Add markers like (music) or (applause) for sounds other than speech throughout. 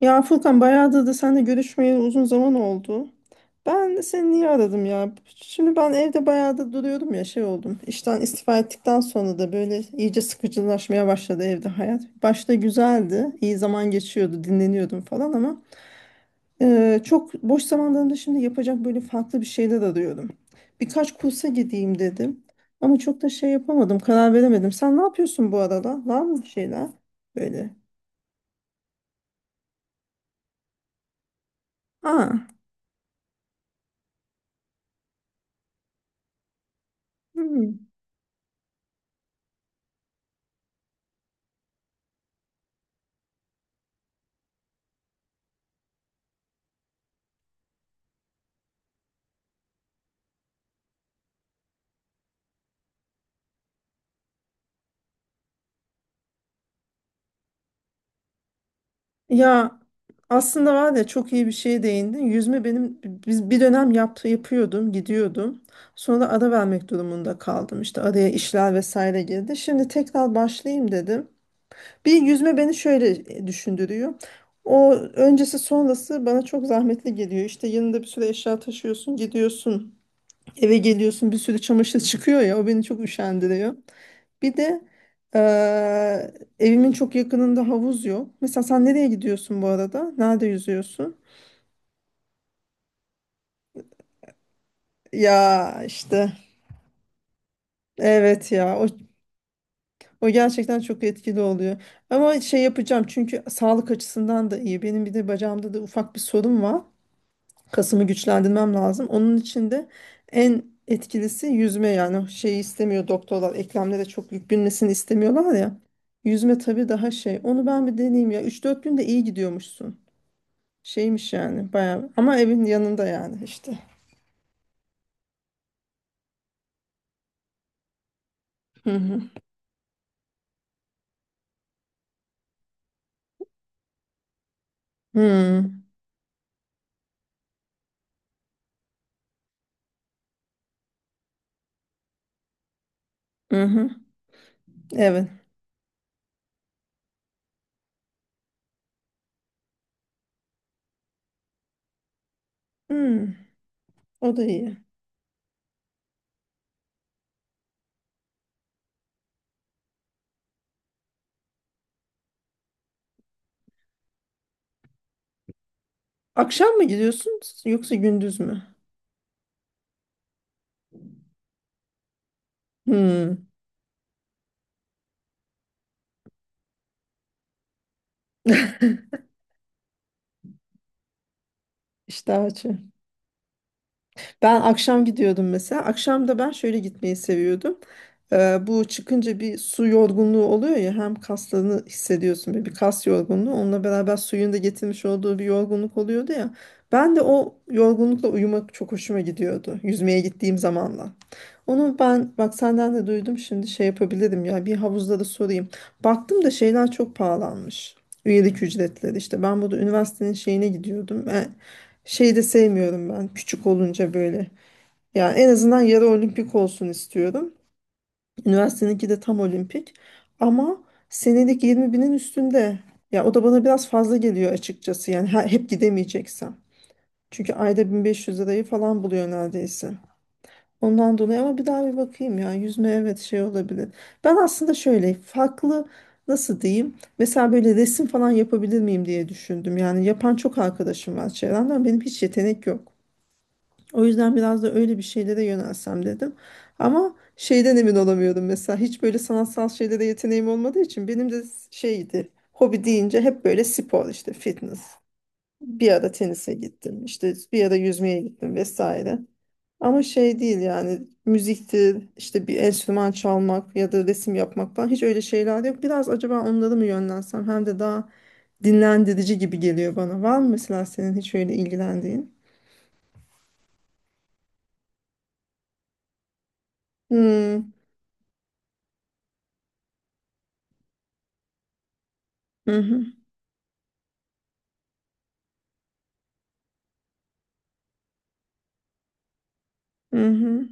Ya Furkan bayağıdır da seninle görüşmeyeli uzun zaman oldu. Ben de seni niye aradım ya? Şimdi ben evde bayağıdır duruyorum ya şey oldum. İşten istifa ettikten sonra da böyle iyice sıkıcılaşmaya başladı evde hayat. Başta güzeldi, iyi zaman geçiyordu, dinleniyordum falan ama çok boş zamanlarımda şimdi yapacak böyle farklı bir şeyler arıyorum. Birkaç kursa gideyim dedim ama çok da şey yapamadım, karar veremedim. Sen ne yapıyorsun bu arada? Var mı bir şeyler böyle? Aa, hmm. Ya aslında var ya çok iyi bir şeye değindin. Yüzme benim biz bir dönem yapıyordum, gidiyordum. Sonra ara vermek durumunda kaldım. İşte araya işler vesaire girdi. Şimdi tekrar başlayayım dedim. Bir yüzme beni şöyle düşündürüyor. O öncesi sonrası bana çok zahmetli geliyor. İşte yanında bir sürü eşya taşıyorsun, gidiyorsun, eve geliyorsun, bir sürü çamaşır çıkıyor ya. O beni çok üşendiriyor. Bir de eee, evimin çok yakınında havuz yok. Mesela sen nereye gidiyorsun bu arada? Nerede yüzüyorsun? Ya işte evet ya o, o gerçekten çok etkili oluyor. Ama şey yapacağım çünkü sağlık açısından da iyi. Benim bir de bacağımda da ufak bir sorun var. Kasımı güçlendirmem lazım. Onun için de en etkilisi yüzme yani. O şeyi istemiyor, doktorlar eklemlere çok yük binmesini istemiyorlar ya. Yüzme tabii daha şey. Onu ben bir deneyeyim ya. 3-4 günde iyi gidiyormuşsun. Şeymiş yani bayağı ama evin yanında yani işte. Hı hı. Hı hı. Hı. Evet. Hı. O da iyi. Akşam mı gidiyorsun yoksa gündüz mü? Hı. İşte açı. Ben akşam gidiyordum mesela. Akşam da ben şöyle gitmeyi seviyordum. Bu çıkınca bir su yorgunluğu oluyor ya, hem kaslarını hissediyorsun böyle, bir kas yorgunluğu. Onunla beraber suyun da getirmiş olduğu bir yorgunluk oluyordu ya. Ben de o yorgunlukla uyumak çok hoşuma gidiyordu. Yüzmeye gittiğim zamanla. Onu ben bak senden de duydum şimdi, şey yapabilirim ya, bir havuzda da sorayım. Baktım da şeyler çok pahalanmış. Üyelik ücretleri işte, ben burada üniversitenin şeyine gidiyordum. Şeyi de sevmiyorum ben, küçük olunca böyle. Yani en azından yarı olimpik olsun istiyorum. Üniversiteninki de tam olimpik. Ama senelik 20 binin üstünde. Ya o da bana biraz fazla geliyor açıkçası yani, hep gidemeyeceksem. Çünkü ayda 1500 lirayı falan buluyor neredeyse. Ondan dolayı, ama bir daha bir bakayım ya, yüzme evet şey olabilir. Ben aslında şöyle farklı, nasıl diyeyim, mesela böyle resim falan yapabilir miyim diye düşündüm. Yani yapan çok arkadaşım var çevremden, benim hiç yetenek yok. O yüzden biraz da öyle bir şeylere yönelsem dedim. Ama şeyden emin olamıyorum mesela, hiç böyle sanatsal şeylere yeteneğim olmadığı için benim de. Şeydi, hobi deyince hep böyle spor işte, fitness. Bir ara tenise gittim, işte bir ara yüzmeye gittim vesaire. Ama şey değil yani, müziktir işte, bir enstrüman çalmak ya da resim yapmak falan, hiç öyle şeyler yok. Biraz acaba onları mı yönlensem, hem de daha dinlendirici gibi geliyor bana. Var mı mesela senin hiç öyle ilgilendiğin? Hmm. Hı hı. Hı hı.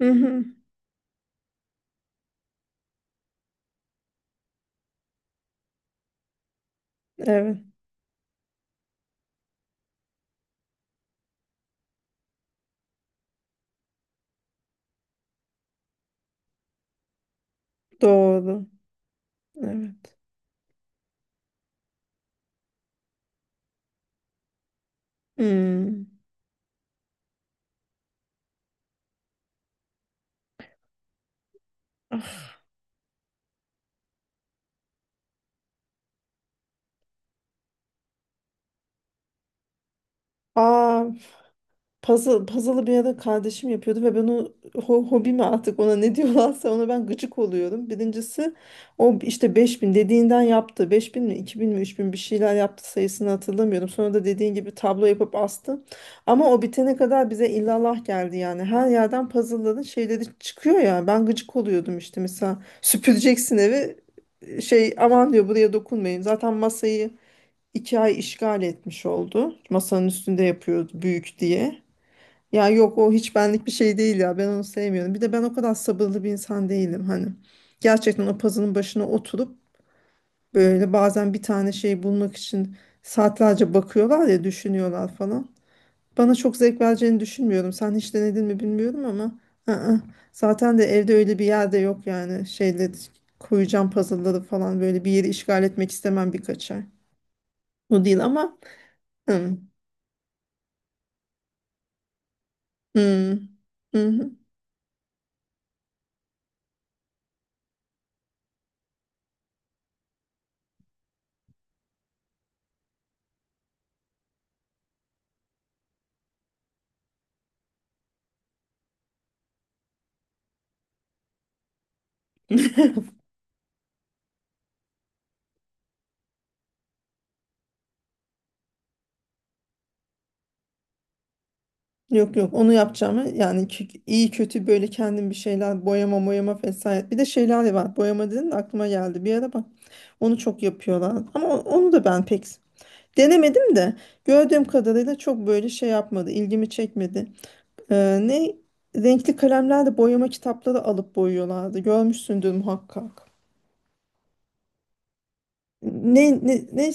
Hı hı. Evet. Doğru. Evet. Hmm. Ah. Aa. Puzzle, puzzle'ı bir ara kardeşim yapıyordu ve ben o hobi mi artık, ona ne diyorlarsa, ona ben gıcık oluyorum. Birincisi, o işte 5000 dediğinden yaptı. 5000 mi, 2000 mi, 3000 bir şeyler yaptı, sayısını hatırlamıyorum. Sonra da dediğin gibi tablo yapıp astı. Ama o bitene kadar bize illallah geldi yani. Her yerden puzzle'ların şeyleri çıkıyor ya. Ben gıcık oluyordum işte, mesela süpüreceksin evi, şey aman diyor, buraya dokunmayın. Zaten masayı 2 ay işgal etmiş oldu. Masanın üstünde yapıyordu, büyük diye. Ya yok, o hiç benlik bir şey değil ya. Ben onu sevmiyorum. Bir de ben o kadar sabırlı bir insan değilim hani. Gerçekten o puzzle'ın başına oturup böyle bazen bir tane şey bulmak için saatlerce bakıyorlar ya, düşünüyorlar falan. Bana çok zevk vereceğini düşünmüyorum. Sen hiç denedin mi bilmiyorum ama. I-ı. Zaten de evde öyle bir yerde yok yani. Şeyle, koyacağım puzzle'ları falan, böyle bir yeri işgal etmek istemem birkaç ay. O değil ama. Hı. Hı. Hı hı. (laughs) Yok yok, onu yapacağım. Yani iyi kötü böyle kendim bir şeyler, boyama boyama vesaire. Bir de şeyler var. Boyama dedin de aklıma geldi. Bir ara bak, onu çok yapıyorlar. Ama onu da ben pek denemedim de, gördüğüm kadarıyla çok böyle şey yapmadı, ilgimi çekmedi. Ne renkli kalemlerle boyama kitapları alıp boyuyorlardı. Görmüşsündür muhakkak. Ne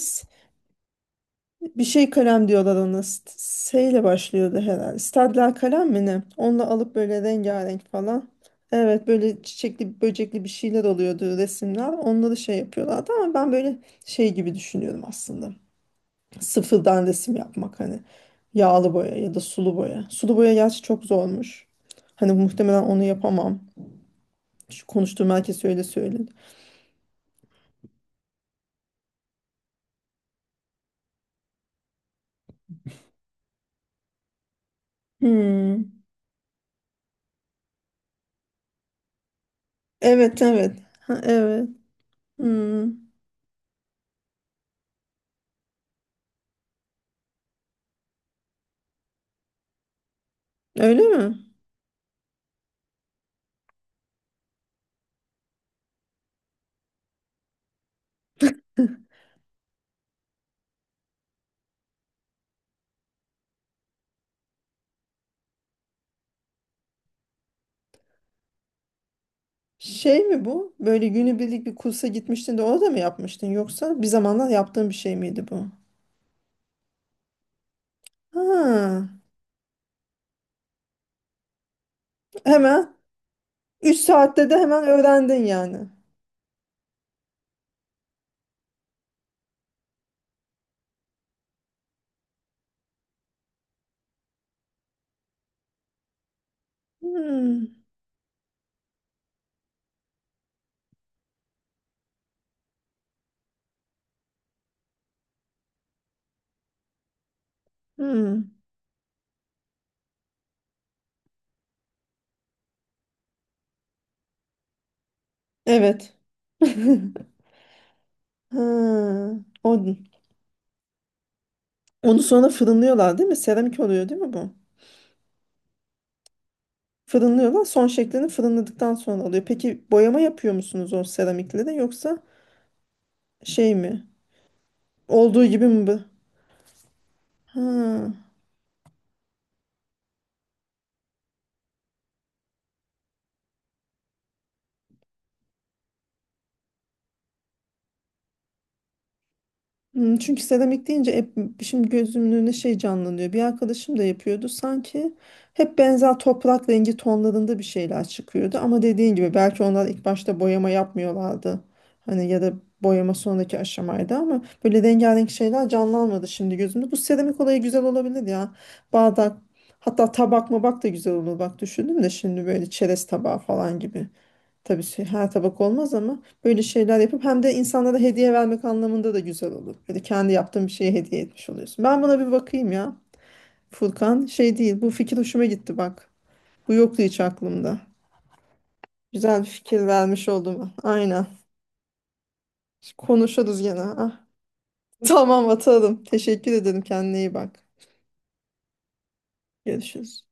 bir şey kalem diyorlar ona. S ile başlıyordu herhalde. Stadler kalem mi ne? Onunla alıp böyle rengarenk falan. Evet, böyle çiçekli böcekli bir şeyler oluyordu resimler. Onları şey yapıyorlardı, ama ben böyle şey gibi düşünüyorum aslında. Sıfırdan resim yapmak hani. Yağlı boya ya da sulu boya. Sulu boya gerçi çok zormuş. Hani muhtemelen onu yapamam. Şu konuştuğum herkes öyle söyledi. Hmm. Evet, evet. Ha, evet. Hmm. Öyle mi? Şey mi bu? Böyle günübirlik bir kursa gitmiştin de orada mı yapmıştın, yoksa bir zamanlar yaptığın bir şey miydi bu? Ha, hemen. 3 saatte de hemen öğrendin yani. Hmm, hmm. Evet. (laughs) Ha, o, onu sonra fırınlıyorlar değil mi? Seramik oluyor değil mi bu? Fırınlıyorlar. Son şeklini fırınladıktan sonra oluyor. Peki boyama yapıyor musunuz o seramikleri, yoksa şey mi? Olduğu gibi mi bu? Ha. Hmm, çünkü seramik deyince hep şimdi gözümün önüne şey canlanıyor. Bir arkadaşım da yapıyordu. Sanki hep benzer toprak rengi tonlarında bir şeyler çıkıyordu. Ama dediğin gibi belki onlar ilk başta boyama yapmıyorlardı. Hani ya da boyama sonraki aşamaydı, ama böyle rengarenk şeyler canlanmadı şimdi gözümde. Bu seramik olayı güzel olabilir ya. Bardak, hatta tabak mı bak, da güzel olur bak, düşündüm de şimdi, böyle çerez tabağı falan gibi. Tabii şey, her tabak olmaz, ama böyle şeyler yapıp hem de insanlara hediye vermek anlamında da güzel olur. Böyle kendi yaptığın bir şeye, hediye etmiş oluyorsun. Ben buna bir bakayım ya. Furkan, şey değil, bu fikir hoşuma gitti bak. Bu yoktu hiç aklımda. Güzel bir fikir vermiş oldum. Aynen. Konuşuruz gene. Ah. (laughs) Tamam atalım. Teşekkür ederim. Kendine iyi bak. Görüşürüz.